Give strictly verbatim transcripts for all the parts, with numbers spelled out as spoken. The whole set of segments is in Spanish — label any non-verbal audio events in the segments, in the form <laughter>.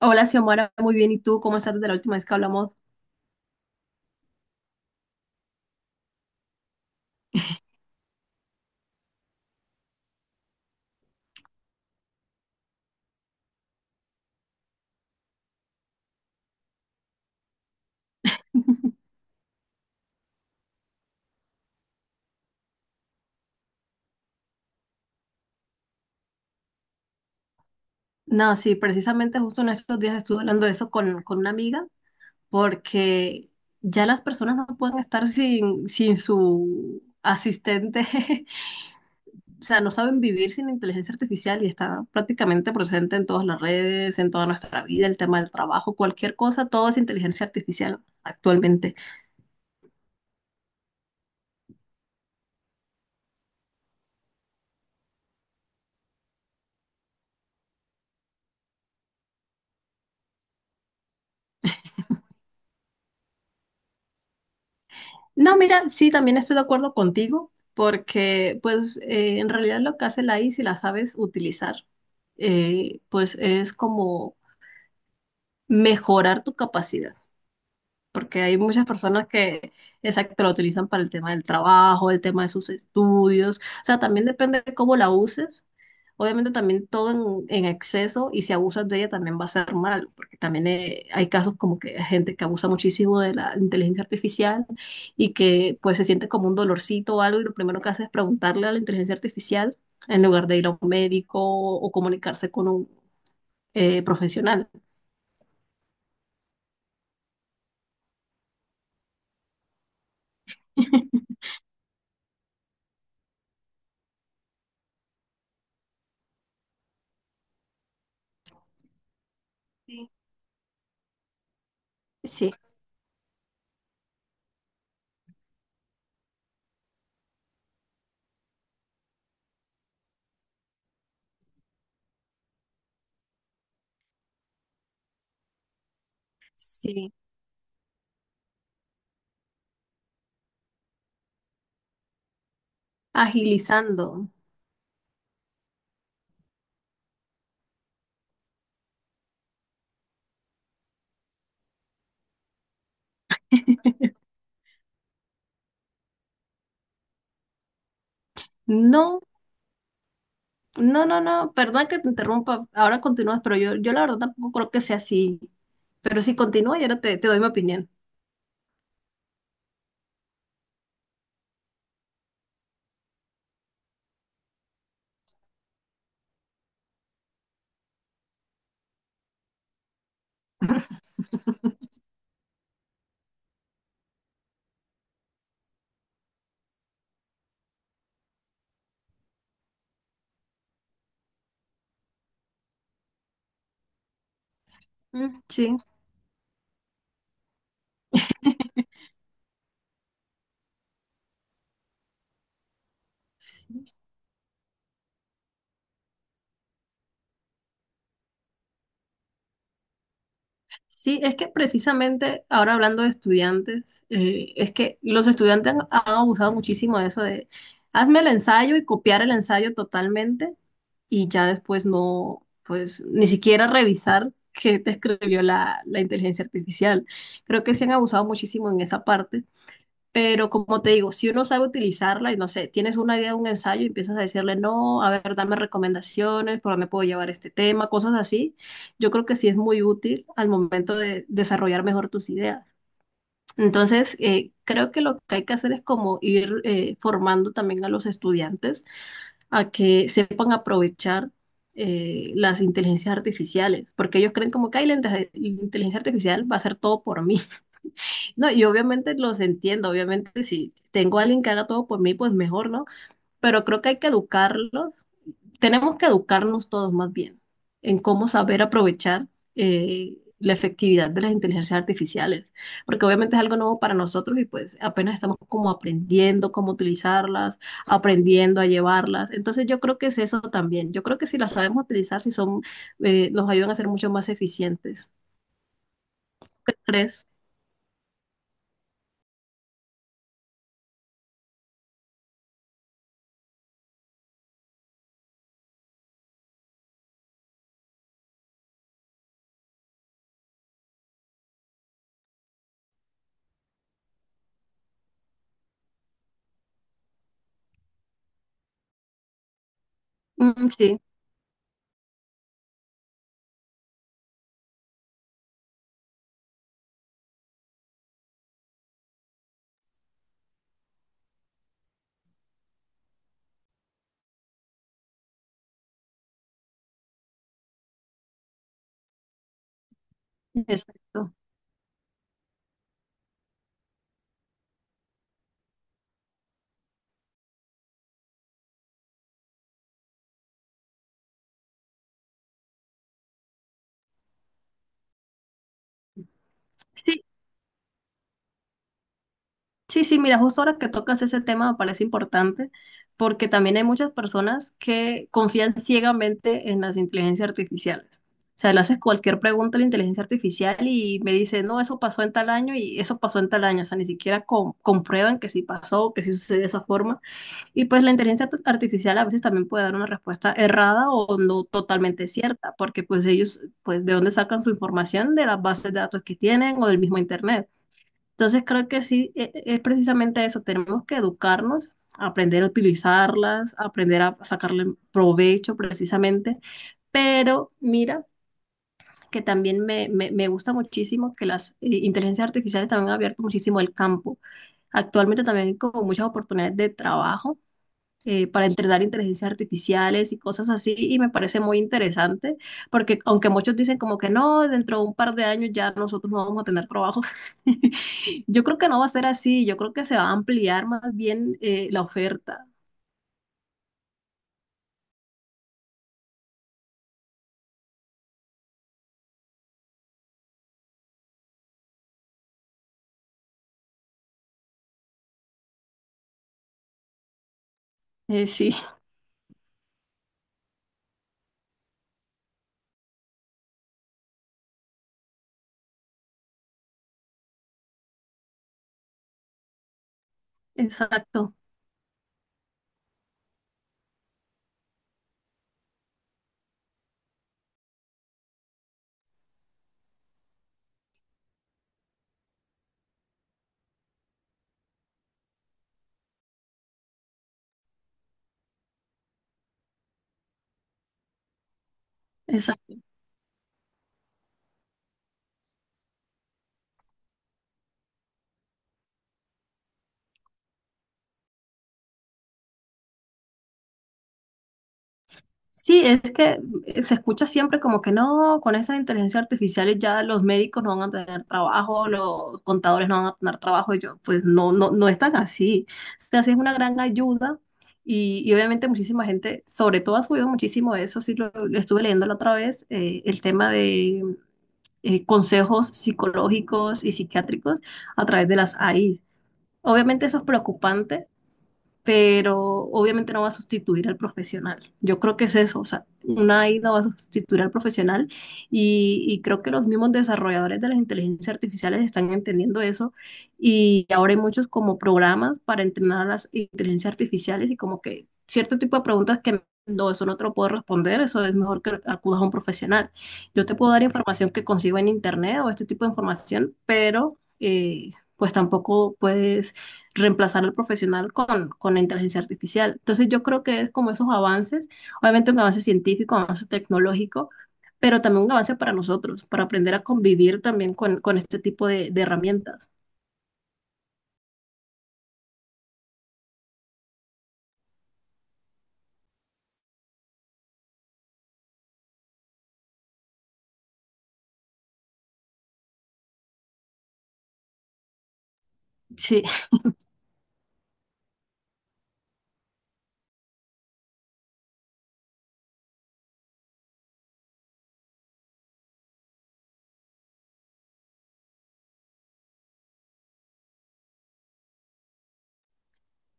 Hola, Xiomara, muy bien. ¿Y tú cómo estás desde la última vez que hablamos? No, sí, precisamente justo en estos días estuve hablando de eso con, con una amiga, porque ya las personas no pueden estar sin, sin su asistente, <laughs> o sea, no saben vivir sin inteligencia artificial y está prácticamente presente en todas las redes, en toda nuestra vida, el tema del trabajo, cualquier cosa, todo es inteligencia artificial actualmente. No, mira, sí, también estoy de acuerdo contigo, porque pues eh, en realidad lo que hace la I, A, si la sabes utilizar, eh, pues es como mejorar tu capacidad porque hay muchas personas que, exacto, la utilizan para el tema del trabajo, el tema de sus estudios, o sea, también depende de cómo la uses. Obviamente también todo en, en exceso y si abusas de ella también va a ser mal, porque también eh, hay casos como que hay gente que abusa muchísimo de la inteligencia artificial y que pues se siente como un dolorcito o algo y lo primero que hace es preguntarle a la inteligencia artificial en lugar de ir a un médico o comunicarse con un eh, profesional. Sí, sí, sí. Agilizando. No, no, no, no, perdón que te interrumpa, ahora continúas, pero yo, yo la verdad tampoco creo que sea así. Pero si continúa y ahora te, te doy mi opinión. Mm, sí, sí, sí, es que precisamente ahora hablando de estudiantes, eh, es que los estudiantes han, han abusado muchísimo de eso de hazme el ensayo y copiar el ensayo totalmente y ya después no, pues ni siquiera revisar qué te escribió la, la inteligencia artificial. Creo que se han abusado muchísimo en esa parte. Pero como te digo, si uno sabe utilizarla y no sé, tienes una idea de un ensayo y empiezas a decirle, no, a ver, dame recomendaciones, por dónde puedo llevar este tema, cosas así, yo creo que sí es muy útil al momento de desarrollar mejor tus ideas. Entonces, eh, creo que lo que hay que hacer es como ir eh, formando también a los estudiantes a que sepan aprovechar eh, las inteligencias artificiales, porque ellos creen como que "Ay, la inte- la inteligencia artificial va a hacer todo por mí." No, y obviamente los entiendo, obviamente si tengo a alguien que haga todo por mí, pues mejor, ¿no? Pero creo que hay que educarlos, tenemos que educarnos todos más bien en cómo saber aprovechar eh, la efectividad de las inteligencias artificiales, porque obviamente es algo nuevo para nosotros y pues apenas estamos como aprendiendo cómo utilizarlas, aprendiendo a llevarlas. Entonces yo creo que es eso también, yo creo que si las sabemos utilizar, si son, eh, nos ayudan a ser mucho más eficientes. ¿Crees? Mm, sí, perfecto. Sí, sí, mira, justo ahora que tocas ese tema me parece importante porque también hay muchas personas que confían ciegamente en las inteligencias artificiales. O sea, le haces cualquier pregunta a la inteligencia artificial y me dice, no, eso pasó en tal año y eso pasó en tal año. O sea, ni siquiera com- comprueban que sí pasó, que sí sucedió de esa forma. Y pues la inteligencia art- artificial a veces también puede dar una respuesta errada o no totalmente cierta, porque pues ellos, pues, ¿de dónde sacan su información? De las bases de datos que tienen o del mismo internet. Entonces creo que sí, e- e- es precisamente eso, tenemos que educarnos, aprender a utilizarlas, aprender a sacarle provecho precisamente, pero mira que también me, me- me gusta muchísimo que las eh, inteligencias artificiales también han abierto muchísimo el campo. Actualmente también hay como muchas oportunidades de trabajo eh, para entrenar inteligencias artificiales y cosas así, y me parece muy interesante, porque aunque muchos dicen como que no, dentro de un par de años ya nosotros no vamos a tener trabajo, <laughs> yo creo que no va a ser así, yo creo que se va a ampliar más bien eh, la oferta. Eh, sí, <laughs> exacto. Sí, es que eh, se escucha siempre como que no, con esas inteligencias artificiales ya los médicos no van a tener trabajo, los contadores no van a tener trabajo, y yo, pues no, no, no es tan así. O sea, sí es una gran ayuda y, y obviamente muchísima gente, sobre todo ha subido muchísimo eso, sí lo, lo estuve leyendo la otra vez, eh, el tema de eh, consejos psicológicos y psiquiátricos a través de las A I. Obviamente eso es preocupante, pero obviamente no va a sustituir al profesional. Yo creo que es eso, o sea, una A I no va a sustituir al profesional y, y creo que los mismos desarrolladores de las inteligencias artificiales están entendiendo eso y ahora hay muchos como programas para entrenar a las inteligencias artificiales y como que cierto tipo de preguntas que no, eso no te lo puedo responder, eso es mejor que acudas a un profesional. Yo te puedo dar información que consigo en internet o este tipo de información, pero eh, pues tampoco puedes reemplazar al profesional con, con la inteligencia artificial. Entonces yo creo que es como esos avances, obviamente un avance científico, un avance tecnológico, pero también un avance para nosotros, para aprender a convivir también con, con este tipo de, de herramientas. Sí,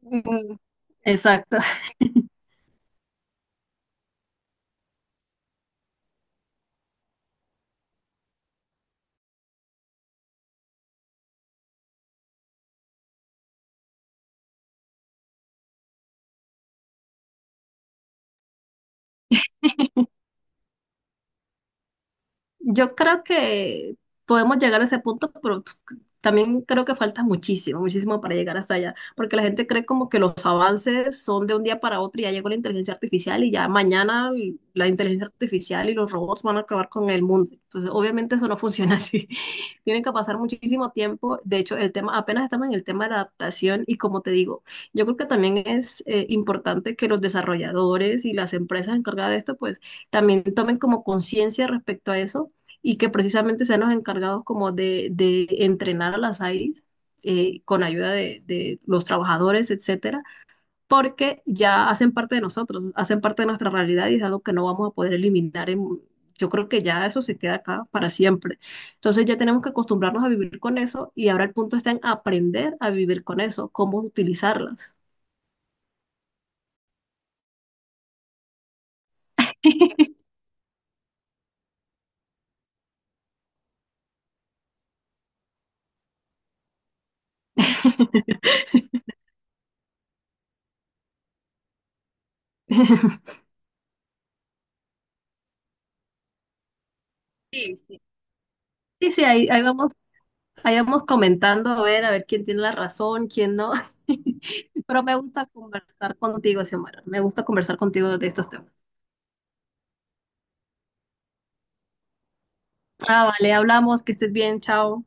<laughs> exacto. Yo creo que podemos llegar a ese punto, pero t- también creo que falta muchísimo, muchísimo para llegar hasta allá, porque la gente cree como que los avances son de un día para otro y ya llegó la inteligencia artificial y ya mañana l- la inteligencia artificial y los robots van a acabar con el mundo. Entonces, obviamente eso no funciona <laughs> así. Tienen que pasar muchísimo tiempo. De hecho, el tema, apenas estamos en el tema de la adaptación y como te digo, yo creo que también es eh, importante que los desarrolladores y las empresas encargadas de esto, pues también tomen como conciencia respecto a eso y que precisamente sean los encargados como de, de entrenar a las A Is eh, con ayuda de, de, los trabajadores, etcétera, porque ya hacen parte de nosotros, hacen parte de nuestra realidad y es algo que no vamos a poder eliminar. En, yo creo que ya eso se queda acá para siempre. Entonces ya tenemos que acostumbrarnos a vivir con eso y ahora el punto está en aprender a vivir con eso, cómo utilizarlas. <laughs> Sí, sí. Sí, sí, ahí, ahí vamos, vayamos comentando a ver, a ver quién tiene la razón, quién no. <laughs> Pero me gusta conversar contigo, Xiomara. Me gusta conversar contigo de estos temas. Ah, vale, hablamos, que estés bien, chao.